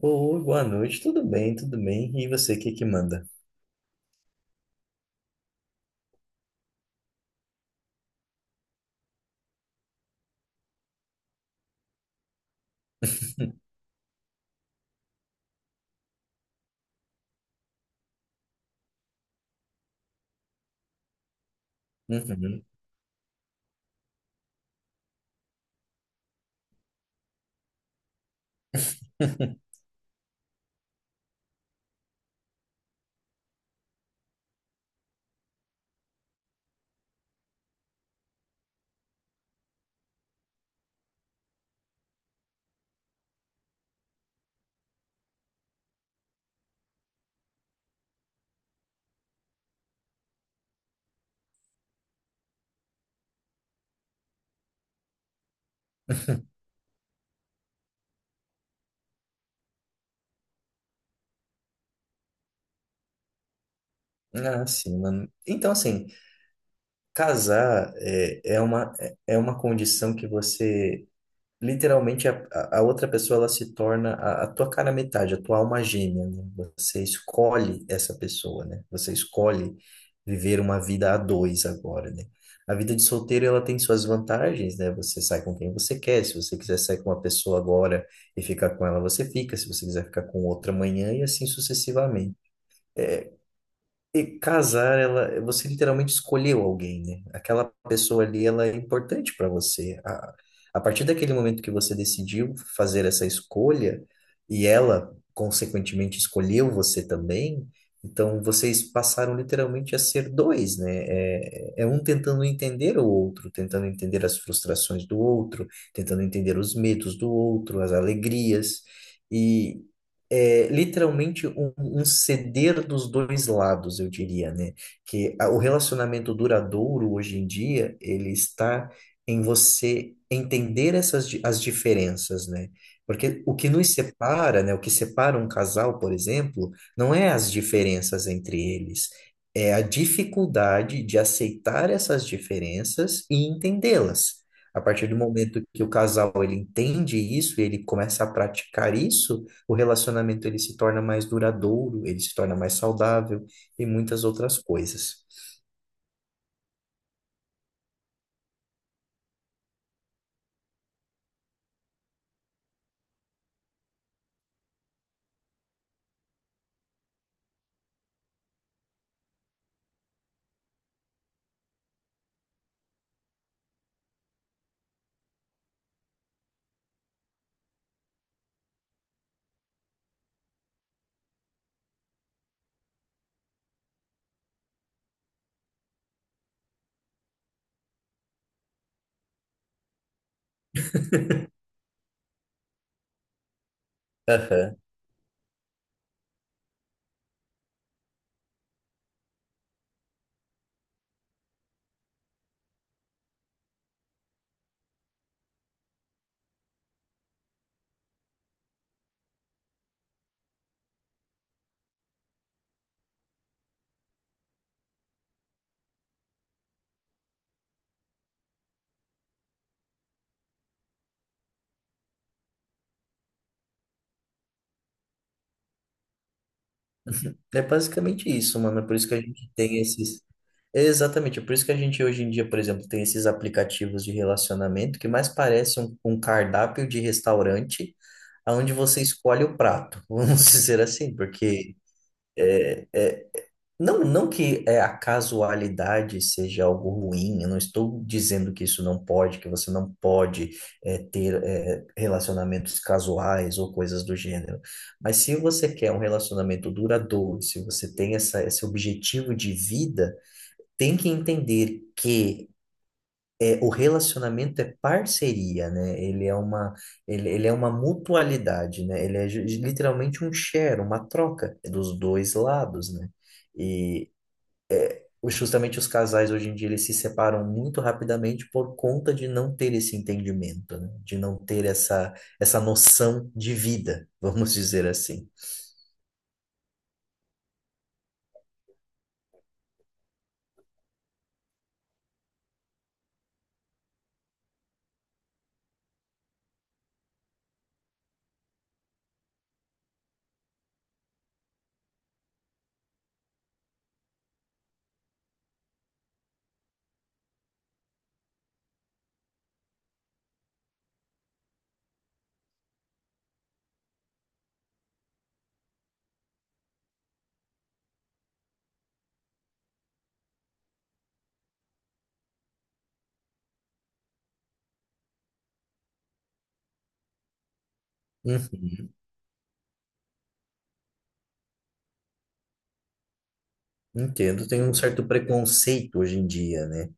Oi, boa noite, tudo bem, tudo bem. E você, o que que manda? Uhum. Ah, sim, mano. Então, assim, casar é, é uma condição que você literalmente a outra pessoa ela se torna a tua cara metade, a tua alma gêmea, né? Você escolhe essa pessoa, né? Você escolhe viver uma vida a dois agora, né? A vida de solteiro ela tem suas vantagens, né? Você sai com quem você quer, se você quiser sair com uma pessoa agora e ficar com ela, você fica, se você quiser ficar com outra amanhã e assim sucessivamente. É, e casar, ela, você literalmente escolheu alguém, né? Aquela pessoa ali, ela é importante para você. A partir daquele momento que você decidiu fazer essa escolha, e ela, consequentemente, escolheu você também, então vocês passaram literalmente a ser dois, né? É, é um tentando entender o outro, tentando entender as frustrações do outro, tentando entender os medos do outro, as alegrias é literalmente um, um ceder dos dois lados, eu diria, né? O relacionamento duradouro hoje em dia, ele está em você entender as diferenças, né? Porque o que nos separa, né? O que separa um casal, por exemplo, não é as diferenças entre eles, é a dificuldade de aceitar essas diferenças e entendê-las. A partir do momento que o casal ele entende isso, ele começa a praticar isso, o relacionamento ele se torna mais duradouro, ele se torna mais saudável e muitas outras coisas. Aham. É basicamente isso, mano. É por isso que a gente tem esses. É exatamente, é por isso que a gente hoje em dia, por exemplo, tem esses aplicativos de relacionamento que mais parecem um, um cardápio de restaurante, onde você escolhe o prato, vamos dizer assim, porque é, não, a casualidade seja algo ruim, eu não estou dizendo que isso não pode, que você não pode é, ter é, relacionamentos casuais ou coisas do gênero. Mas se você quer um relacionamento duradouro, se você tem essa, esse objetivo de vida, tem que entender que é, o relacionamento é parceria, né? Ele é uma, ele é uma mutualidade, né? Ele é literalmente um share, uma troca dos dois lados, né? E justamente os casais hoje em dia eles se separam muito rapidamente por conta de não ter esse entendimento, né? De não ter essa, essa noção de vida, vamos dizer assim. Uhum, entendo, tem um certo preconceito hoje em dia, né?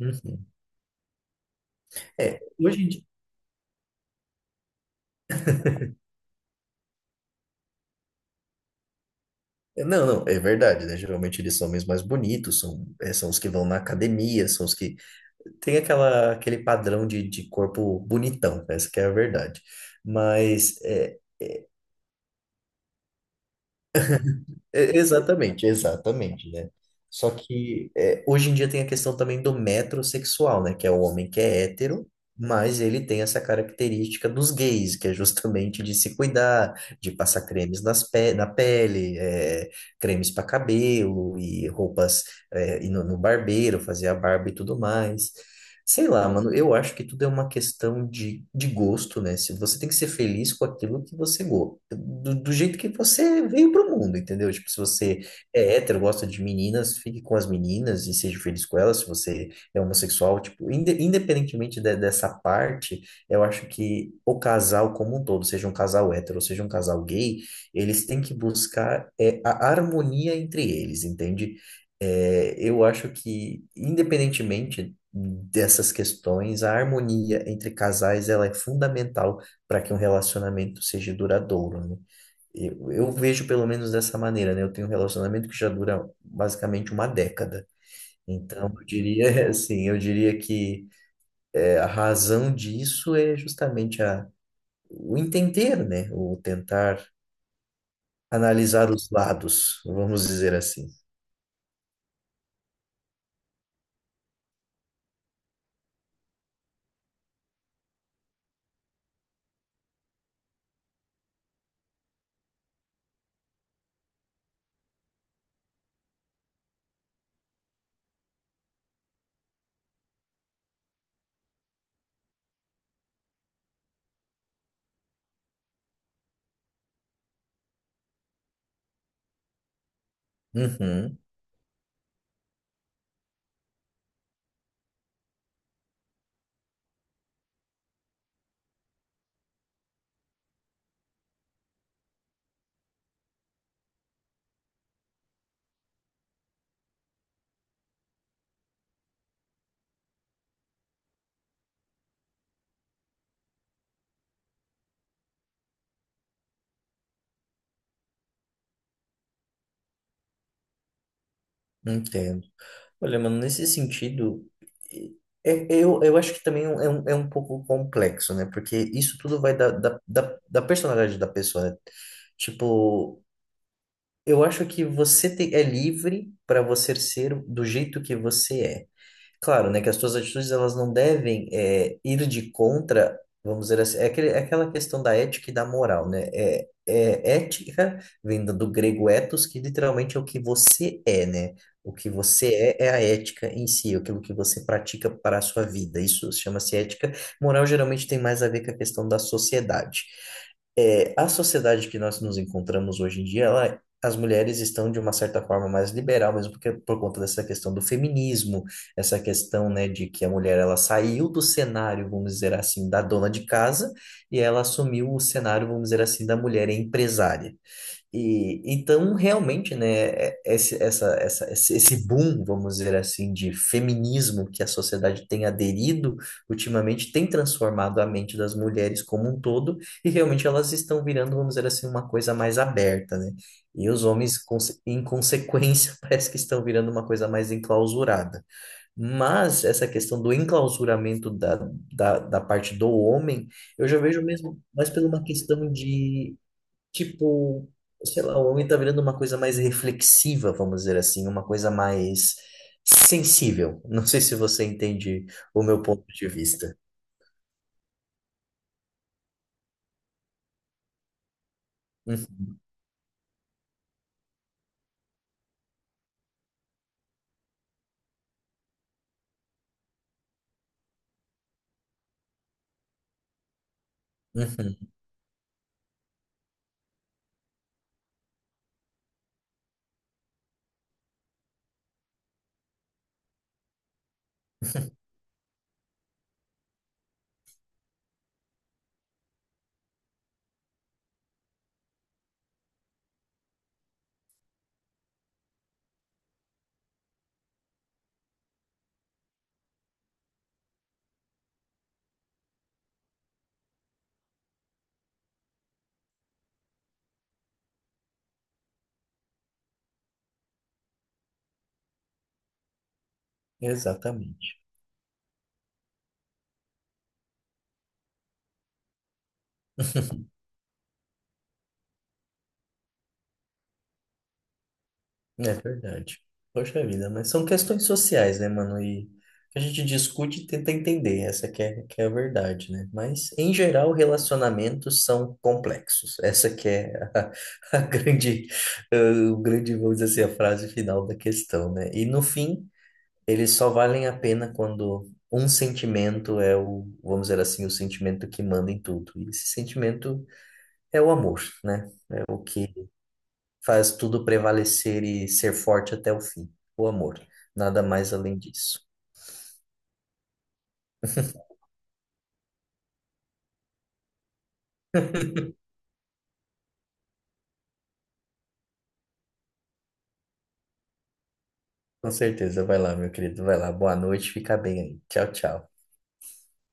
Uhum. É, hoje em dia. Não, não, é verdade, né? Geralmente eles são mesmo mais bonitos, são, é, são os que vão na academia, são os que. Tem aquela, aquele padrão de corpo bonitão, essa que é a verdade. Mas é, é, exatamente, exatamente, né? Só que é, hoje em dia tem a questão também do metrosexual, né? Que é o homem que é hétero, mas ele tem essa característica dos gays, que é justamente de se cuidar, de passar cremes nas pe na pele, é, cremes para cabelo e roupas é, ir no, no barbeiro, fazer a barba e tudo mais. Sei lá, mano, eu acho que tudo é uma questão de gosto, né? Se você tem que ser feliz com aquilo que você gosta, do, do jeito que você veio pro mundo, entendeu? Tipo, se você é hétero, gosta de meninas, fique com as meninas e seja feliz com elas. Se você é homossexual, tipo, independentemente dessa parte, eu acho que o casal como um todo, seja um casal hétero, ou seja um casal gay, eles têm que buscar é, a harmonia entre eles, entende? É, eu acho que, independentemente dessas questões, a harmonia entre casais, ela é fundamental para que um relacionamento seja duradouro, né? Eu vejo pelo menos dessa maneira, né? Eu tenho um relacionamento que já dura basicamente uma década. Então, eu diria assim, eu diria que é, a razão disso é justamente a, o entender, né? O tentar analisar os lados, vamos dizer assim. Uhum. Entendo. Olha, mano, nesse sentido, é- é, eu acho que também é um pouco complexo, né? Porque isso tudo vai da personalidade da pessoa, né? Tipo, eu acho que você é livre para você ser do jeito que você é. Claro, né, que as tuas atitudes elas não devem é, ir de contra, vamos dizer assim, é, aquele, é aquela questão da ética e da moral, né? É, é ética vem do grego ethos, que literalmente é o que você é, né? O que você é é a ética em si, é aquilo que você pratica para a sua vida. Isso chama-se ética. Moral geralmente tem mais a ver com a questão da sociedade. É, a sociedade que nós nos encontramos hoje em dia, ela, as mulheres estão de uma certa forma mais liberal, mesmo porque por conta dessa questão do feminismo essa questão, né, de que a mulher ela saiu do cenário, vamos dizer assim, da dona de casa e ela assumiu o cenário, vamos dizer assim, da mulher empresária. E então realmente, né, é, esse, esse boom, vamos dizer assim, de feminismo que a sociedade tem aderido ultimamente tem transformado a mente das mulheres como um todo e realmente elas estão virando, vamos dizer assim, uma coisa mais aberta, né? E os homens, em consequência, parece que estão virando uma coisa mais enclausurada. Mas essa questão do enclausuramento da, da parte do homem, eu já vejo mesmo mais por uma questão de, tipo, sei lá, o homem tá virando uma coisa mais reflexiva, vamos dizer assim, uma coisa mais sensível. Não sei se você entende o meu ponto de vista. Uhum, uhum, exatamente. É verdade. Poxa vida, mas são questões sociais, né, mano? E a gente discute e tenta entender, essa que é a verdade, né? Mas, em geral, relacionamentos são complexos. Essa que é a, a grande, eh, o grande, vamos dizer assim, a frase final da questão, né? E, no fim, eles só valem a pena quando um sentimento é o, vamos dizer assim, o sentimento que manda em tudo. E esse sentimento é o amor, né? É o que faz tudo prevalecer e ser forte até o fim. O amor. Nada mais além disso. Com certeza. Vai lá, meu querido. Vai lá. Boa noite. Fica bem aí. Tchau, tchau.